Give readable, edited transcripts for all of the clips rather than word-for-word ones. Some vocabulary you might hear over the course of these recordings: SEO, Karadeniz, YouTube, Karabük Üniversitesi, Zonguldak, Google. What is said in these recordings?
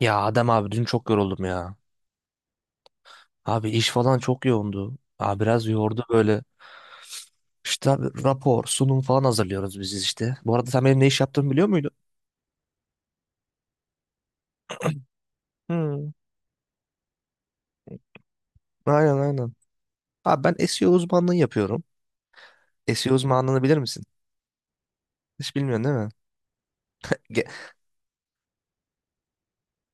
Ya Adem abi dün çok yoruldum ya. Abi iş falan çok yoğundu. Abi biraz yordu böyle. İşte abi rapor, sunum falan hazırlıyoruz biz işte. Bu arada sen benim ne iş yaptığımı biliyor muydun? Hmm, aynen. Abi ben SEO uzmanlığı yapıyorum. SEO uzmanlığını bilir misin? Hiç bilmiyorsun değil mi? Ge-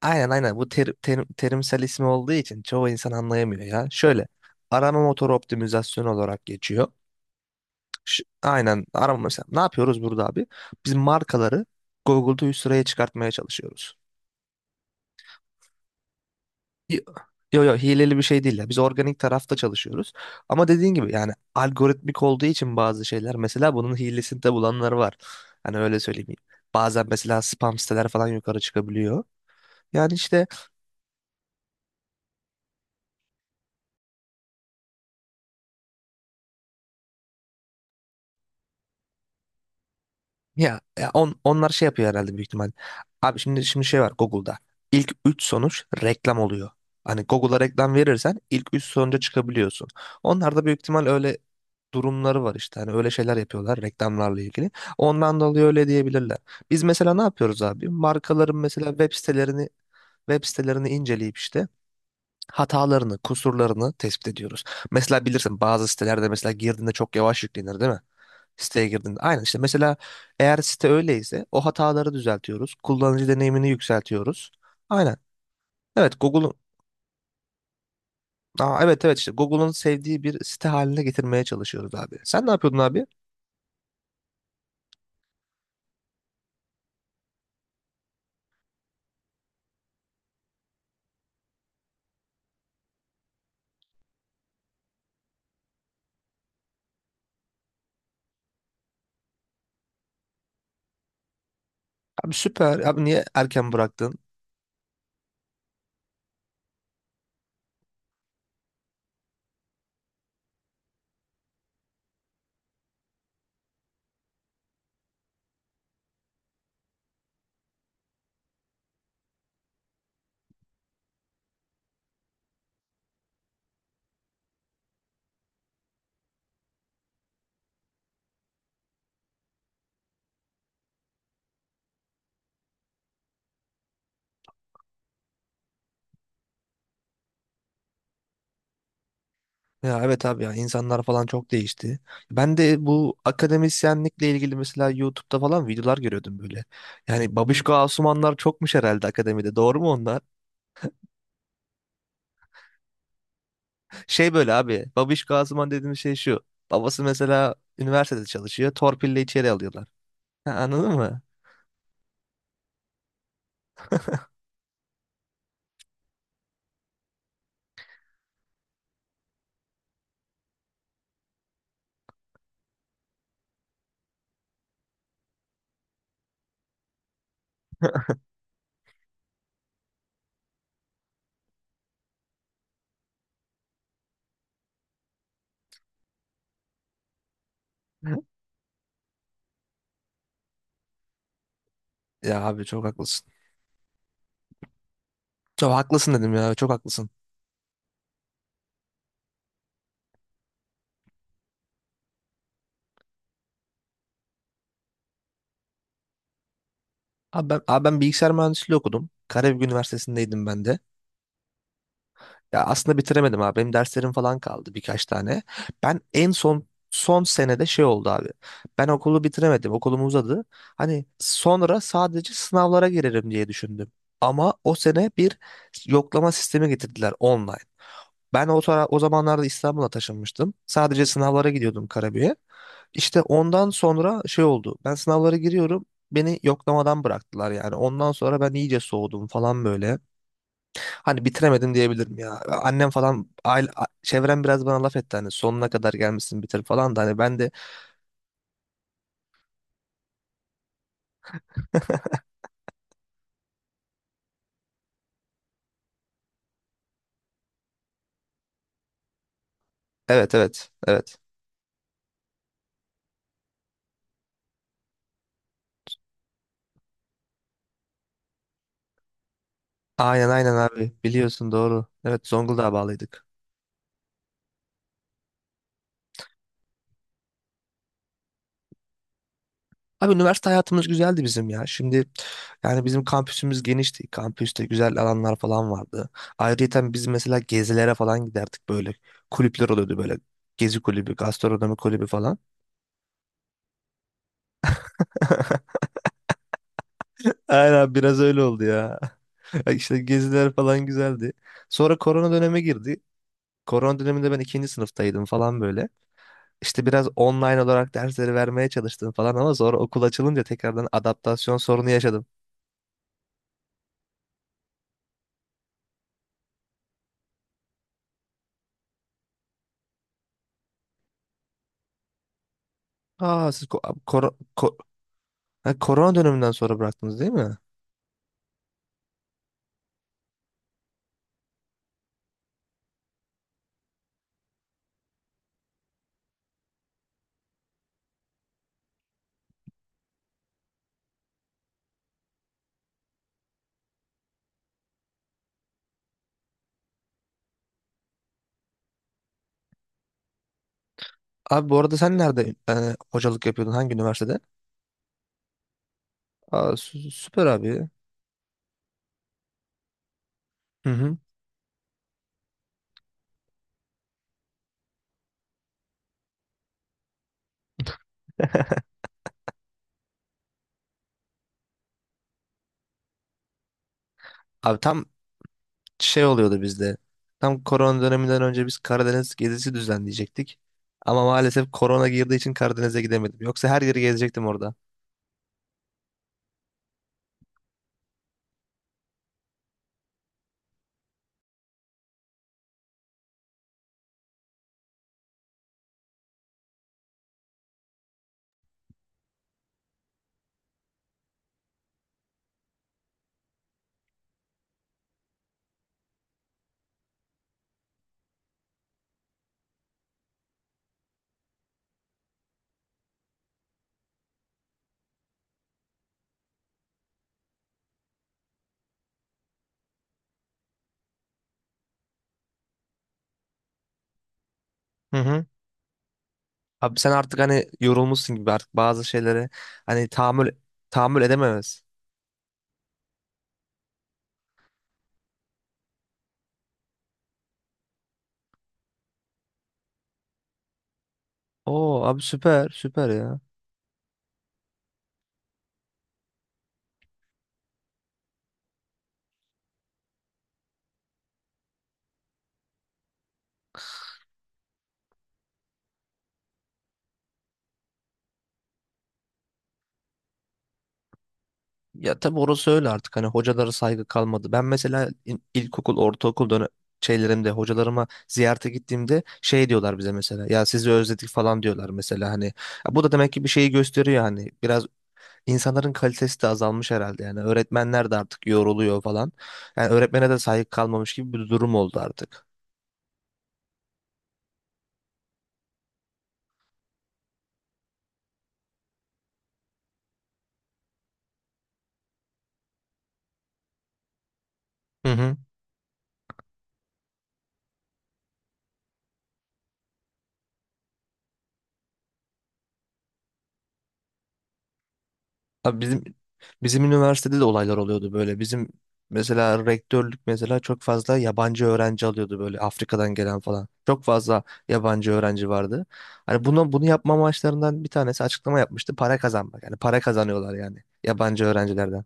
aynen, bu terimsel ismi olduğu için çoğu insan anlayamıyor ya. Şöyle arama motoru optimizasyonu olarak geçiyor. Aynen, arama mesela. Ne yapıyoruz burada abi? Biz markaları Google'da üst sıraya çıkartmaya çalışıyoruz. Y- yo, hileli bir şey değil ya. Biz organik tarafta çalışıyoruz. Ama dediğin gibi, yani algoritmik olduğu için bazı şeyler, mesela bunun hilesini de bulanlar var. Hani öyle söyleyeyim. Bazen mesela spam siteler falan yukarı çıkabiliyor. Yani işte, ya onlar şey yapıyor herhalde, büyük ihtimal. Abi şimdi şey var Google'da. İlk 3 sonuç reklam oluyor. Hani Google'a reklam verirsen ilk 3 sonuca çıkabiliyorsun. Onlar da büyük ihtimal öyle durumları var işte. Hani öyle şeyler yapıyorlar reklamlarla ilgili. Ondan dolayı öyle diyebilirler. Biz mesela ne yapıyoruz abi? Markaların mesela web sitelerini inceleyip işte hatalarını, kusurlarını tespit ediyoruz. Mesela bilirsin, bazı sitelerde mesela girdiğinde çok yavaş yüklenir değil mi? Siteye girdiğinde. Aynen, işte mesela eğer site öyleyse o hataları düzeltiyoruz. Kullanıcı deneyimini yükseltiyoruz. Aynen. Evet, Google'un, evet evet, işte Google'un sevdiği bir site haline getirmeye çalışıyoruz abi. Sen ne yapıyordun abi? Abi süper. Abi niye erken bıraktın? Ya evet abi, ya insanlar falan çok değişti. Ben de bu akademisyenlikle ilgili mesela YouTube'da falan videolar görüyordum böyle. Yani Babişko Asumanlar çokmuş herhalde akademide. Doğru mu onlar? Şey böyle abi. Babişko Asuman dediğimiz şey şu. Babası mesela üniversitede çalışıyor. Torpille içeri alıyorlar. Ha, anladın mı? Ya abi çok haklısın. Çok haklısın dedim ya. Çok haklısın. Abi ben bilgisayar mühendisliği okudum. Karabük Üniversitesi'ndeydim ben de. Ya aslında bitiremedim abi. Benim derslerim falan kaldı birkaç tane. Ben en son son senede şey oldu abi. Ben okulu bitiremedim. Okulum uzadı. Hani sonra sadece sınavlara girerim diye düşündüm. Ama o sene bir yoklama sistemi getirdiler online. Ben o zamanlarda İstanbul'a taşınmıştım. Sadece sınavlara gidiyordum Karabük'e. İşte ondan sonra şey oldu. Ben sınavlara giriyorum. Beni yoklamadan bıraktılar yani. Ondan sonra ben iyice soğudum falan böyle. Hani bitiremedim diyebilirim ya. Annem falan aile, çevrem biraz bana laf etti hani sonuna kadar gelmişsin bitir falan da hani ben de evet evet evet. Aynen aynen abi, biliyorsun, doğru. Evet, Zonguldak'a bağlıydık. Abi üniversite hayatımız güzeldi bizim ya. Şimdi yani bizim kampüsümüz genişti. Kampüste güzel alanlar falan vardı. Ayrıca biz mesela gezilere falan giderdik böyle. Kulüpler oluyordu böyle. Gezi kulübü, gastronomi kulübü falan. Aynen, biraz öyle oldu ya. İşte geziler falan güzeldi. Sonra korona döneme girdi. Korona döneminde ben ikinci sınıftaydım falan böyle. İşte biraz online olarak dersleri vermeye çalıştım falan, ama sonra okul açılınca tekrardan adaptasyon sorunu yaşadım. Aa siz kor- ko- ha, korona döneminden sonra bıraktınız değil mi? Abi bu arada sen nerede hocalık yapıyordun? Hangi üniversitede? Aa süper abi. Hı hı. Abi tam şey oluyordu bizde. Tam korona döneminden önce biz Karadeniz gezisi düzenleyecektik. Ama maalesef korona girdiği için Karadeniz'e gidemedim. Yoksa her yeri gezecektim orada. Hı hı. Abi sen artık hani yorulmuşsun gibi artık bazı şeylere hani tahammül edememez. Oo abi süper ya. Ya tabii orası öyle, artık hani hocalara saygı kalmadı. Ben mesela ilkokul, ortaokul dönem şeylerimde hocalarıma ziyarete gittiğimde şey diyorlar bize mesela, ya sizi özledik falan diyorlar mesela, hani ya bu da demek ki bir şeyi gösteriyor, hani biraz insanların kalitesi de azalmış herhalde, yani öğretmenler de artık yoruluyor falan, yani öğretmene de saygı kalmamış gibi bir durum oldu artık. Hı hı. Abi bizim üniversitede de olaylar oluyordu böyle. Bizim mesela rektörlük mesela çok fazla yabancı öğrenci alıyordu böyle, Afrika'dan gelen falan. Çok fazla yabancı öğrenci vardı. Hani bunu yapma amaçlarından bir tanesi, açıklama yapmıştı, para kazanmak. Yani para kazanıyorlar yani, yabancı öğrencilerden.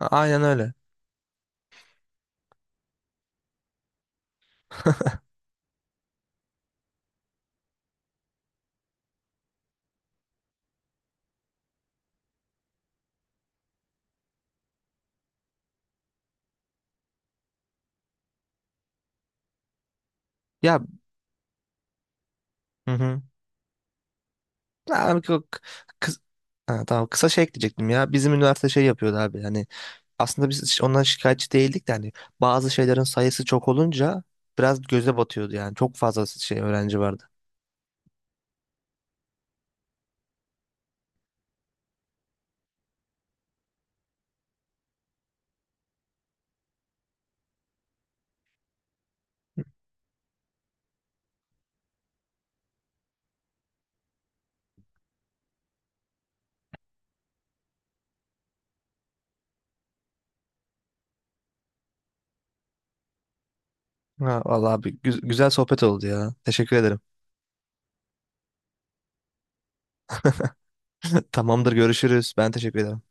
Aynen öyle. Ya, hı hı. Abi, kıs- ha, tamam, kısa şey ekleyecektim ya. Bizim üniversite şey yapıyordu abi. Yani aslında biz hiç ondan şikayetçi değildik de, hani bazı şeylerin sayısı çok olunca biraz göze batıyordu yani. Çok fazla şey öğrenci vardı. Ha, vallahi bir güzel sohbet oldu ya. Teşekkür ederim. Tamamdır, görüşürüz. Ben teşekkür ederim.